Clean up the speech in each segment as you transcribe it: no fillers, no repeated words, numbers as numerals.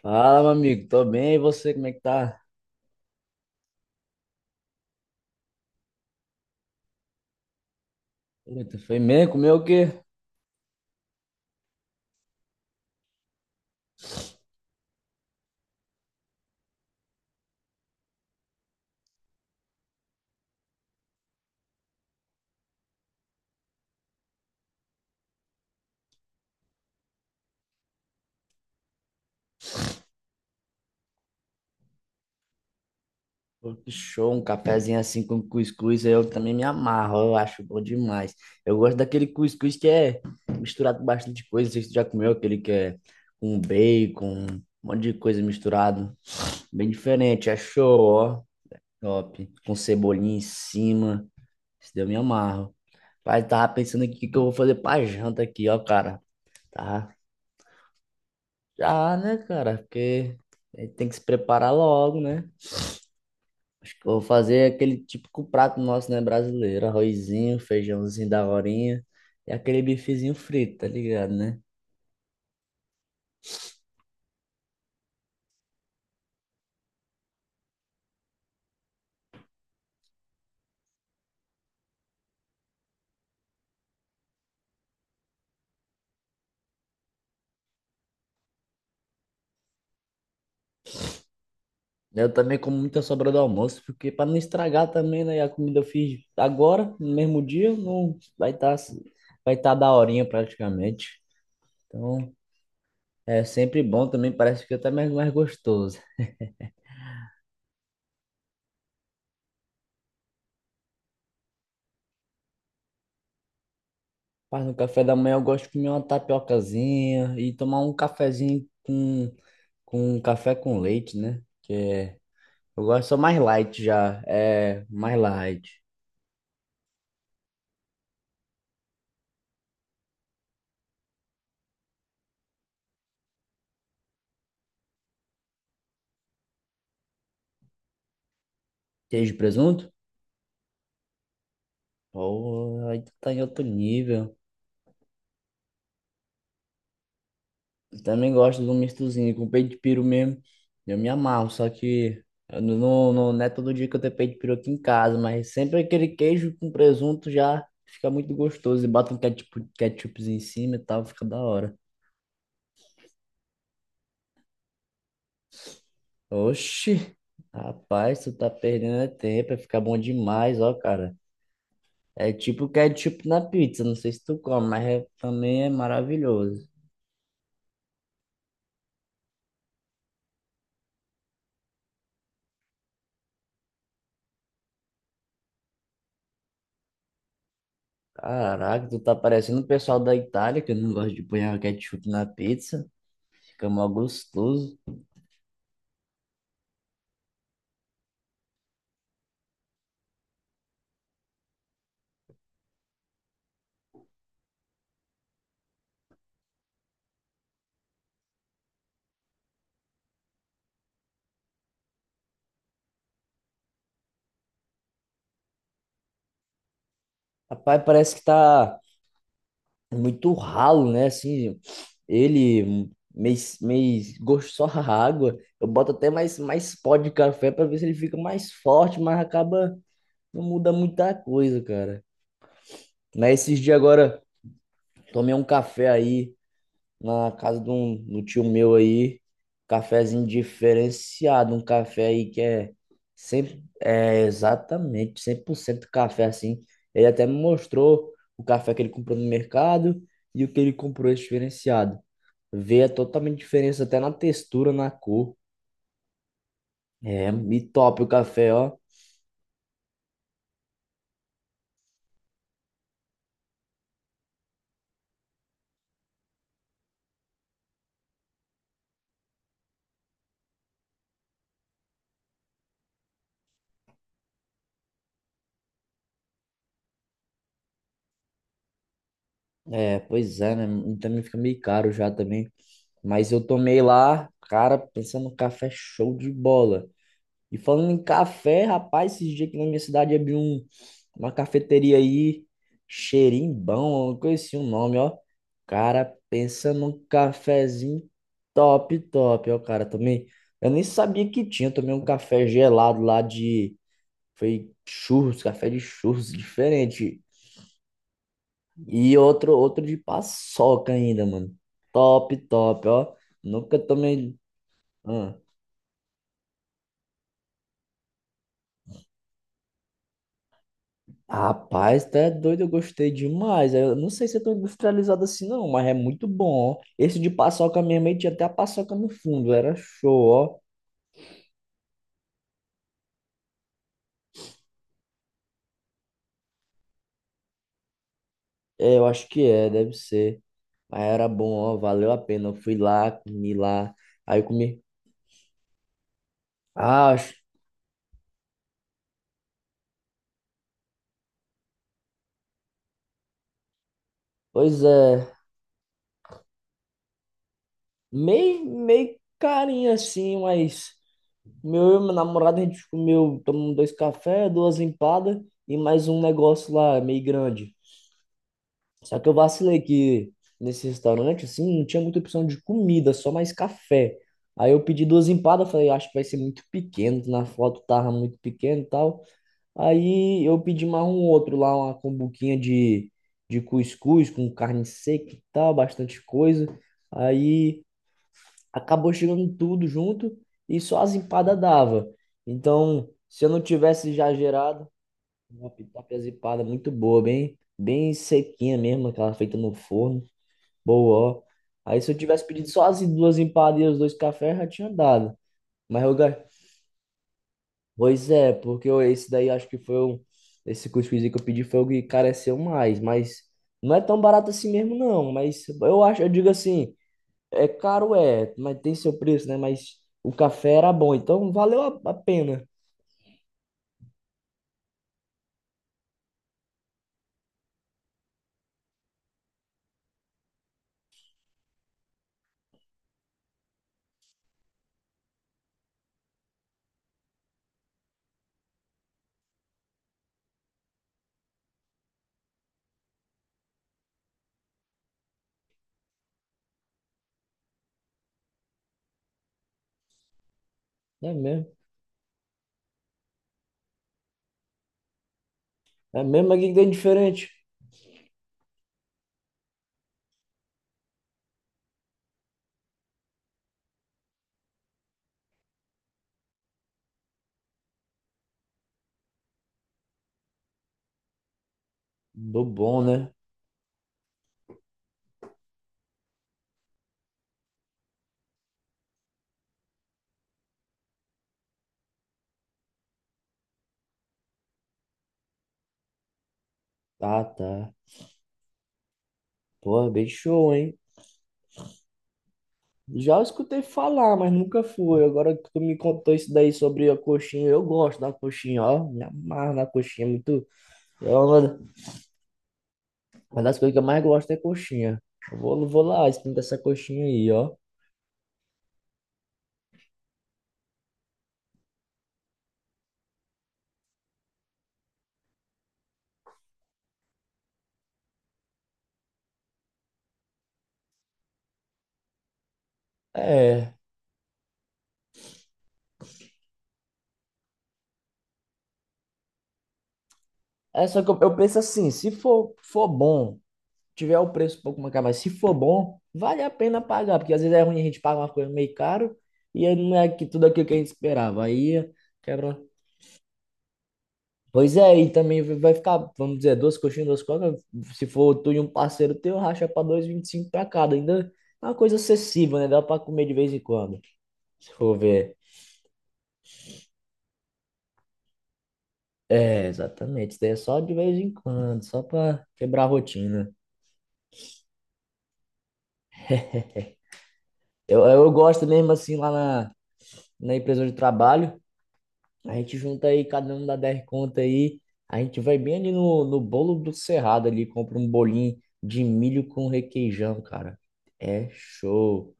Fala, meu amigo, tô bem, e você, como é que tá? Eita, foi mesmo? Comeu o quê? Pô, que show, um cafezinho assim com cuscuz, eu também me amarro, eu acho bom demais. Eu gosto daquele cuscuz que é misturado com bastante coisa, não sei se tu já comeu aquele que é com bacon, um monte de coisa misturado, bem diferente, é show, ó, top, com cebolinha em cima, isso daí eu me amarro. Pai, tava pensando aqui o que que eu vou fazer pra janta aqui, ó, cara, tá? Já, né, cara? Porque a gente tem que se preparar logo, né? Acho que eu vou fazer aquele típico prato nosso, né, brasileiro. Arrozinho, feijãozinho da horinha e aquele bifezinho frito, tá ligado, né? Eu também como muita sobra do almoço, porque para não estragar também, né? E a comida eu fiz agora, no mesmo dia, não vai estar vai tá da horinha praticamente. Então, é sempre bom também, parece que é até mais gostoso. Mas no café da manhã eu gosto de comer uma tapiocazinha e tomar um cafezinho com café com leite, né? Que é, eu gosto só mais light já, é mais light. Queijo e presunto? Pô, aí tu tá em outro nível. Eu também gosto de um mistozinho com peito de peru mesmo. Eu me amarro, só que eu não é todo dia que eu tenho peito de peru aqui em casa, mas sempre aquele queijo com presunto já fica muito gostoso. E bota um ketchup, ketchupzinho em cima e tal, fica da hora. Oxi, rapaz, tu tá perdendo é tempo, vai ficar bom demais, ó, cara. É tipo ketchup na pizza, não sei se tu come, mas também é maravilhoso. Caraca, tu tá parecendo o pessoal da Itália, que não gosta de pôr ketchup na pizza. Fica mó gostoso. Rapaz, parece que tá muito ralo, né? Assim, ele meio gosto só a água. Eu boto até mais pó de café pra ver se ele fica mais forte, mas acaba não muda muita coisa, cara. Mas esses dias agora, tomei um café aí na casa de do tio meu aí, cafezinho diferenciado, um café aí que é, sempre, é exatamente 100% café assim. Ele até me mostrou o café que ele comprou no mercado e o que ele comprou esse diferenciado. Vê a totalmente diferença até na textura, na cor. É, e top o café, ó. É, pois é, né? E também fica meio caro já também. Mas eu tomei lá, cara, pensando no café show de bola. E falando em café, rapaz, esses dias aqui na minha cidade abriu uma cafeteria aí, Xerimbão, eu não conheci o nome, ó. Cara, pensa num cafezinho top, top, ó, cara, também. Eu nem sabia que tinha, eu tomei um café gelado lá foi churros, café de churros, diferente. E outro de paçoca ainda, mano. Top, top, ó. Nunca tomei... Ah. Rapaz, tá doido, eu gostei demais. Eu não sei se é tão industrializado assim, não, mas é muito bom, ó. Esse de paçoca mesmo, aí tinha até a paçoca no fundo, era show, ó. É, eu acho que é, deve ser. Mas era bom, ó, valeu a pena. Eu fui lá, comi lá, aí eu comi. Ah, acho- Pois é, meio, meio carinho assim, mas meu e meu namorado, a gente comeu, tomamos dois cafés, duas empadas e mais um negócio lá, meio grande. Só que eu vacilei que nesse restaurante, assim, não tinha muita opção de comida, só mais café. Aí eu pedi duas empadas, falei, "Ah, acho que vai ser muito pequeno, na foto tava muito pequeno e tal". Aí eu pedi mais um outro lá, uma combuquinha de cuscuz com carne seca e tal, bastante coisa. Aí acabou chegando tudo junto e só as empadas dava. Então, se eu não tivesse já gerado, uma pitaca empadas é muito boa, bem, bem sequinha mesmo, aquela feita no forno. Boa, ó. Aí se eu tivesse pedido só as duas empadas e os dois cafés, já tinha dado. Mas eu... ga- Pois é, porque esse daí acho que foi o... Esse cuscuzinho que eu pedi foi o que careceu mais. Mas não é tão barato assim mesmo, não. Mas eu acho, eu digo assim, é caro, é, mas tem seu preço, né? Mas o café era bom, então valeu a pena. É mesmo. É mesmo, mas o que que tem de diferente? Do bom, né? Tá, tá. Pô, bem show, hein? Já escutei falar, mas nunca fui. Agora que tu me contou isso daí sobre a coxinha, eu gosto da coxinha, ó. Me amarro na coxinha, é muito. É uma das coisas que eu mais gosto é coxinha. Eu vou lá, experimentar essa coxinha aí, ó. É. É só que eu penso assim, se for bom, tiver o preço um pouco mais caro, mas se for bom, vale a pena pagar, porque às vezes é ruim a gente paga uma coisa meio caro e aí não é que tudo aquilo que a gente esperava. Aí quebra. Pois é, e também vai ficar, vamos dizer, duas coxinhas, duas cocas. Se for tu e um parceiro teu, racha pra dois e vinte e cinco pra cada. Ainda é uma coisa acessível, né? Dá pra comer de vez em quando. Se for ver. É, exatamente. Isso daí é só de vez em quando, só pra quebrar a rotina. Eu gosto mesmo assim lá na empresa de trabalho. A gente junta aí, cada um dá 10 conta aí. A gente vai bem ali no bolo do Cerrado ali, compra um bolinho de milho com requeijão, cara. É show.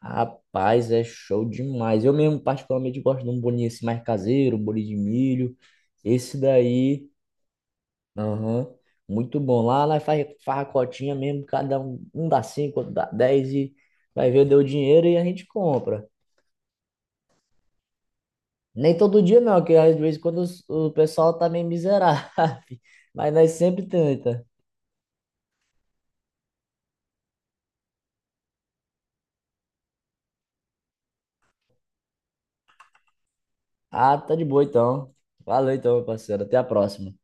Rapaz, é show demais. Eu mesmo, particularmente, gosto de um bolinho assim mais caseiro, um bolinho de milho. Esse daí, aham, muito bom. Lá faz farracotinha mesmo, cada um, um dá cinco, outro dá 10 e vai ver, deu dinheiro e a gente compra. Nem todo dia não, que às vezes quando o pessoal tá meio miserável, mas nós sempre tenta. Ah, tá de boa então. Valeu então, meu parceiro. Até a próxima.